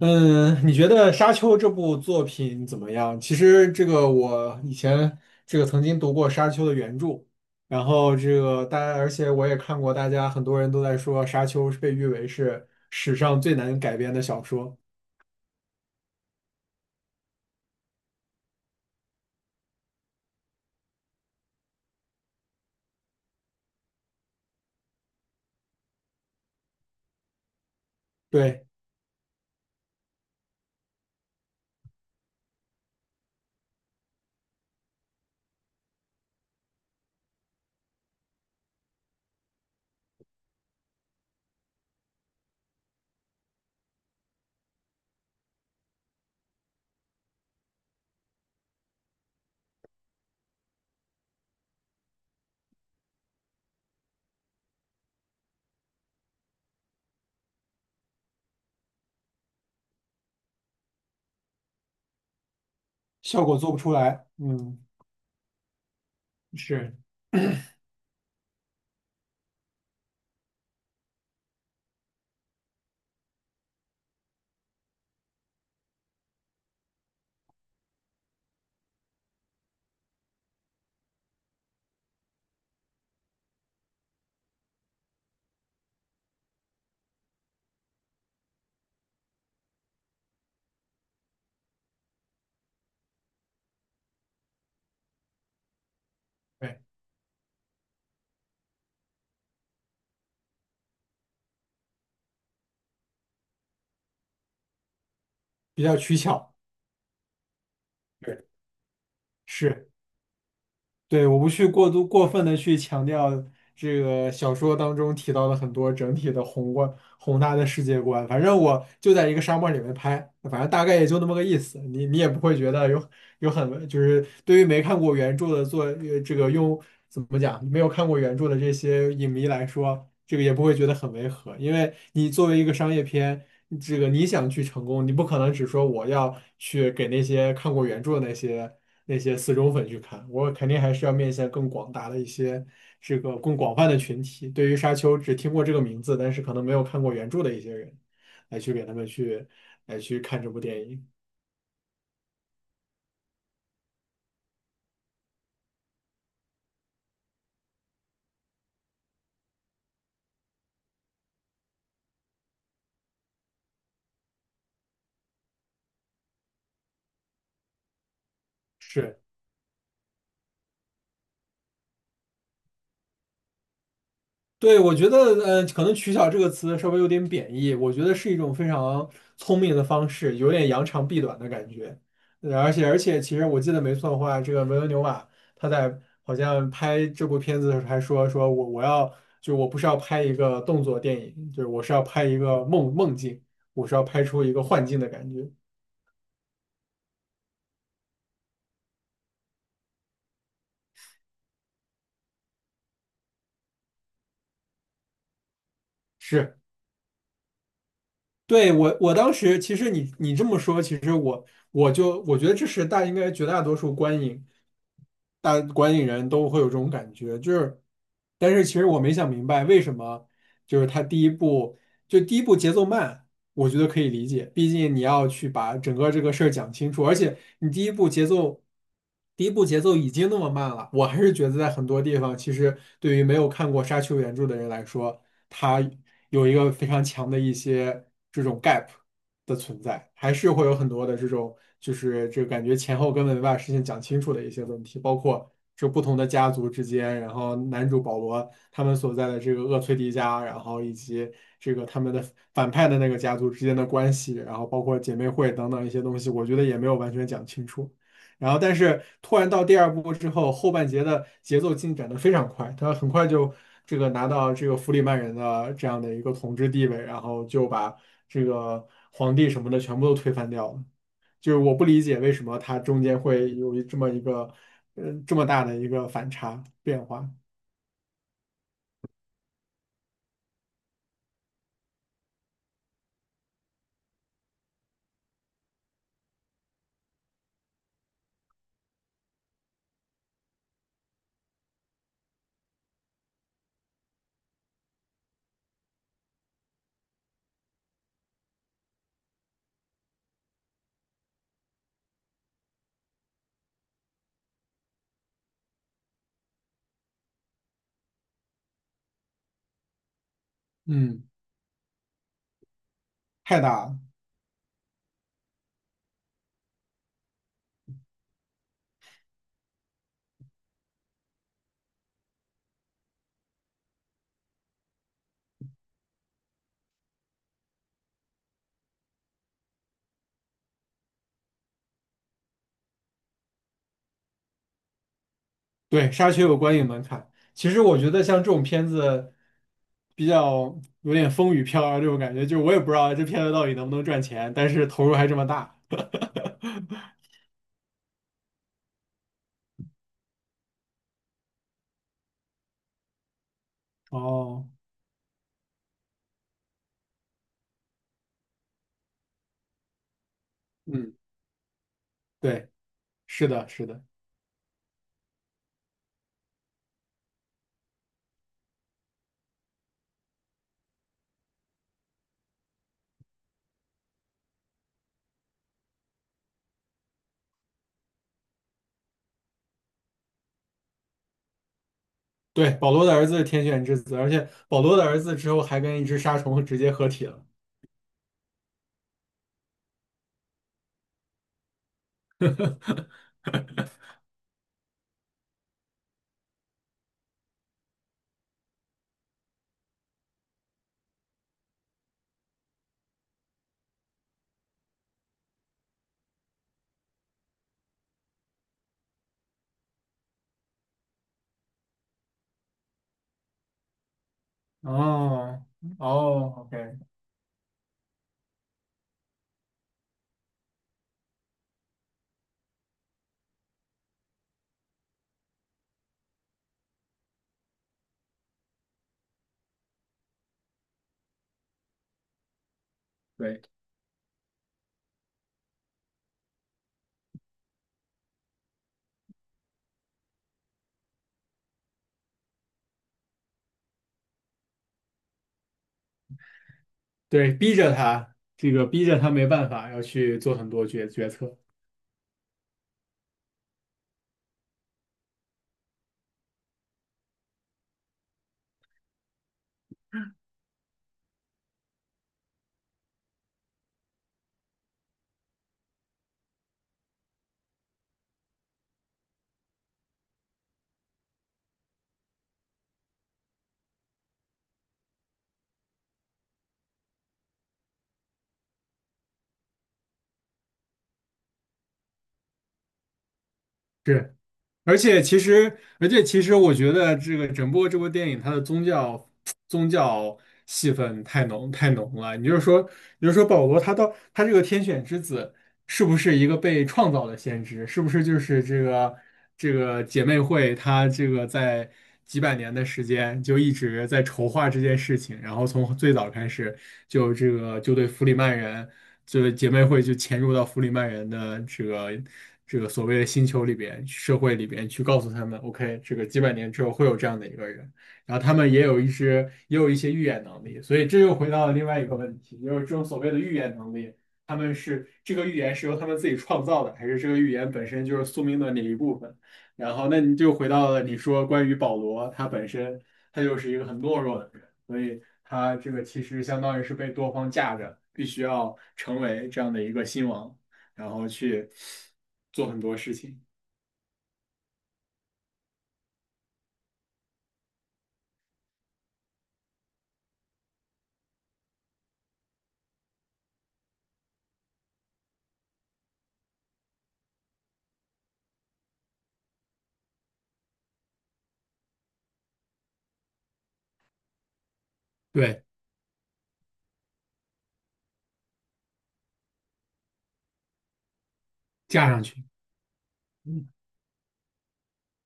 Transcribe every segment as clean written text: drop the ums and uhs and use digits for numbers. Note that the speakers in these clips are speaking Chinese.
嗯，你觉得《沙丘》这部作品怎么样？其实我以前曾经读过《沙丘》的原著，然后这个大家，而且我也看过，大家很多人都在说《沙丘》是被誉为是史上最难改编的小说。对。效果做不出来。嗯。是。对。比较取巧。对。是。对，我不去过度过分的去强调这个小说当中提到的很多整体的宏观宏大的世界观，反正我就在一个沙漠里面拍，反正大概也就那么个意思，你也不会觉得有很就是对于没看过原著的做这个用怎么讲，没有看过原著的这些影迷来说，这个也不会觉得很违和，因为你作为一个商业片。这个你想去成功，你不可能只说我要去给那些看过原著的那些，那些死忠粉去看，我肯定还是要面向更广大的一些，这个更广泛的群体。对于《沙丘》只听过这个名字，但是可能没有看过原著的一些人，来去给他们去来去看这部电影。是。对，我觉得，可能"取巧"这个词稍微有点贬义，我觉得是一种非常聪明的方式，有点扬长避短的感觉。而且,其实我记得没错的话，这个维伦纽瓦他在好像拍这部片子的时候还说，说我要就我不是要拍一个动作电影，就是我是要拍一个梦境，我是要拍出一个幻境的感觉。是。对，我当时其实你这么说，其实我觉得这是大应该绝大多数观影大观影人都会有这种感觉，就是，但是其实我没想明白为什么，就是他第一部就第一部节奏慢，我觉得可以理解，毕竟你要去把整个这个事儿讲清楚，而且你第一步节奏，第一步节奏已经那么慢了，我还是觉得在很多地方，其实对于没有看过沙丘原著的人来说，它有一个非常强的一些这种 gap 的存在，还是会有很多的这种就是这个感觉前后根本没把事情讲清楚的一些问题，包括，就不同的家族之间，然后男主保罗他们所在的这个厄崔迪家，然后以及这个他们的反派的那个家族之间的关系，然后包括姐妹会等等一些东西，我觉得也没有完全讲清楚。然后，但是突然到第二部之后，后半节的节奏进展的非常快，他很快就这个拿到这个弗里曼人的这样的一个统治地位，然后就把这个皇帝什么的全部都推翻掉了。就是我不理解为什么它中间会有一这么一个，这么大的一个反差变化。嗯。太大了。对，《沙丘》有观影门槛。其实我觉得像这种片子，比较有点风雨飘摇这种感觉，就是我也不知道这片子到底能不能赚钱，但是投入还这么大。哦。嗯。对。是的，是的。对，保罗的儿子是天选之子，而且保罗的儿子之后还跟一只沙虫直接合体了。哦。哦，OK。对。对，逼着他，这个逼着他没办法，要去做很多决策。是，而且其实，我觉得这个整部这部电影，它的宗教戏份太浓太浓了。你就是说，你就说保罗他到他这个天选之子，是不是一个被创造的先知？是不是就是这个姐妹会，他这个在几百年的时间就一直在筹划这件事情，然后从最早开始就这个就对弗里曼人。这个姐妹会就潜入到弗里曼人的这个所谓的星球里边、社会里边去告诉他们，OK,这个几百年之后会有这样的一个人，然后他们也有一些预言能力，所以这又回到了另外一个问题，就是这种所谓的预言能力，他们是这个预言是由他们自己创造的，还是这个预言本身就是宿命论的一部分？然后那你就回到了你说关于保罗他本身，他就是一个很懦弱的人。所以他这个其实相当于是被多方架着，必须要成为这样的一个新王，然后去做很多事情。对，架上去。嗯，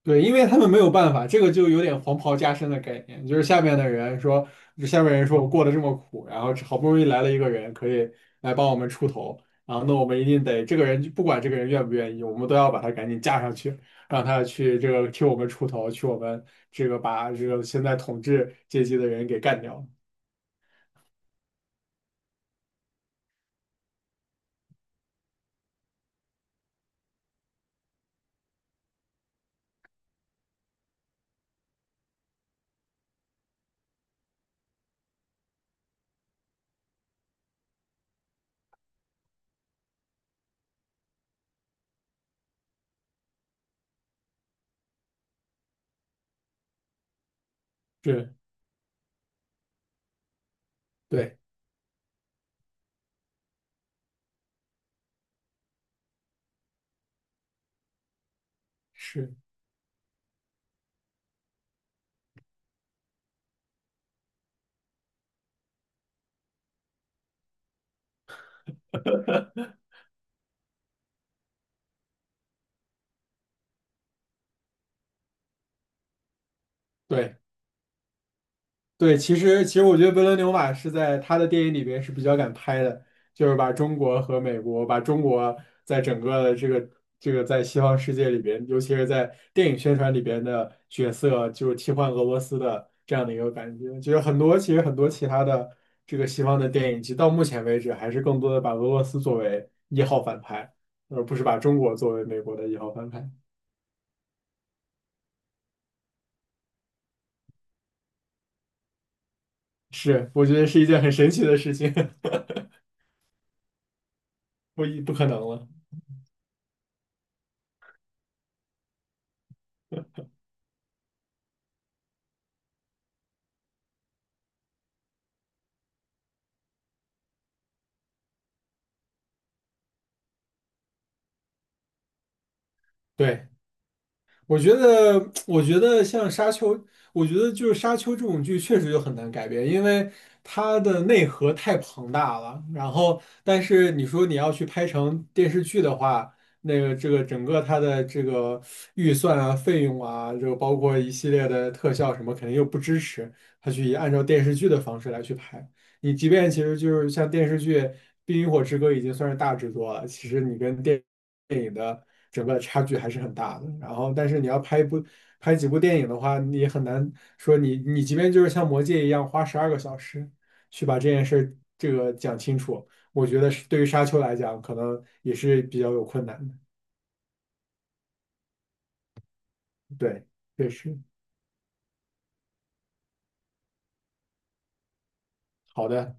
对，因为他们没有办法，这个就有点黄袍加身的概念，就是下面的人说，就下面人说我过得这么苦，然后好不容易来了一个人可以来帮我们出头，然后那我们一定得这个人不管这个人愿不愿意，我们都要把他赶紧架上去，让他去这个替我们出头，去我们这个把这个现在统治阶级的人给干掉。是。对。是。对。对，其实我觉得伯伦纽瓦是在他的电影里边是比较敢拍的，就是把中国和美国，把中国在整个的这个在西方世界里边，尤其是在电影宣传里边的角色，就是替换俄罗斯的这样的一个感觉。就是很多其他的这个西方的电影，其实到目前为止还是更多的把俄罗斯作为一号反派，而不是把中国作为美国的一号反派。是，我觉得是一件很神奇的事情。不可能了。对。我觉得像《沙丘》，我觉得就是《沙丘》这种剧确实就很难改编，因为它的内核太庞大了。然后，但是你说你要去拍成电视剧的话，那个这个整个它的这个预算啊、费用啊，就包括一系列的特效什么，肯定又不支持它去按照电视剧的方式来去拍。你即便其实就是像电视剧《冰与火之歌》已经算是大制作了，其实你跟电影的整个差距还是很大的。然后，但是你要拍几部电影的话，你也很难说你即便就是像《魔戒》一样花12个小时去把这件事儿这个讲清楚，我觉得是对于沙丘来讲，可能也是比较有困难的。对，确实。好的。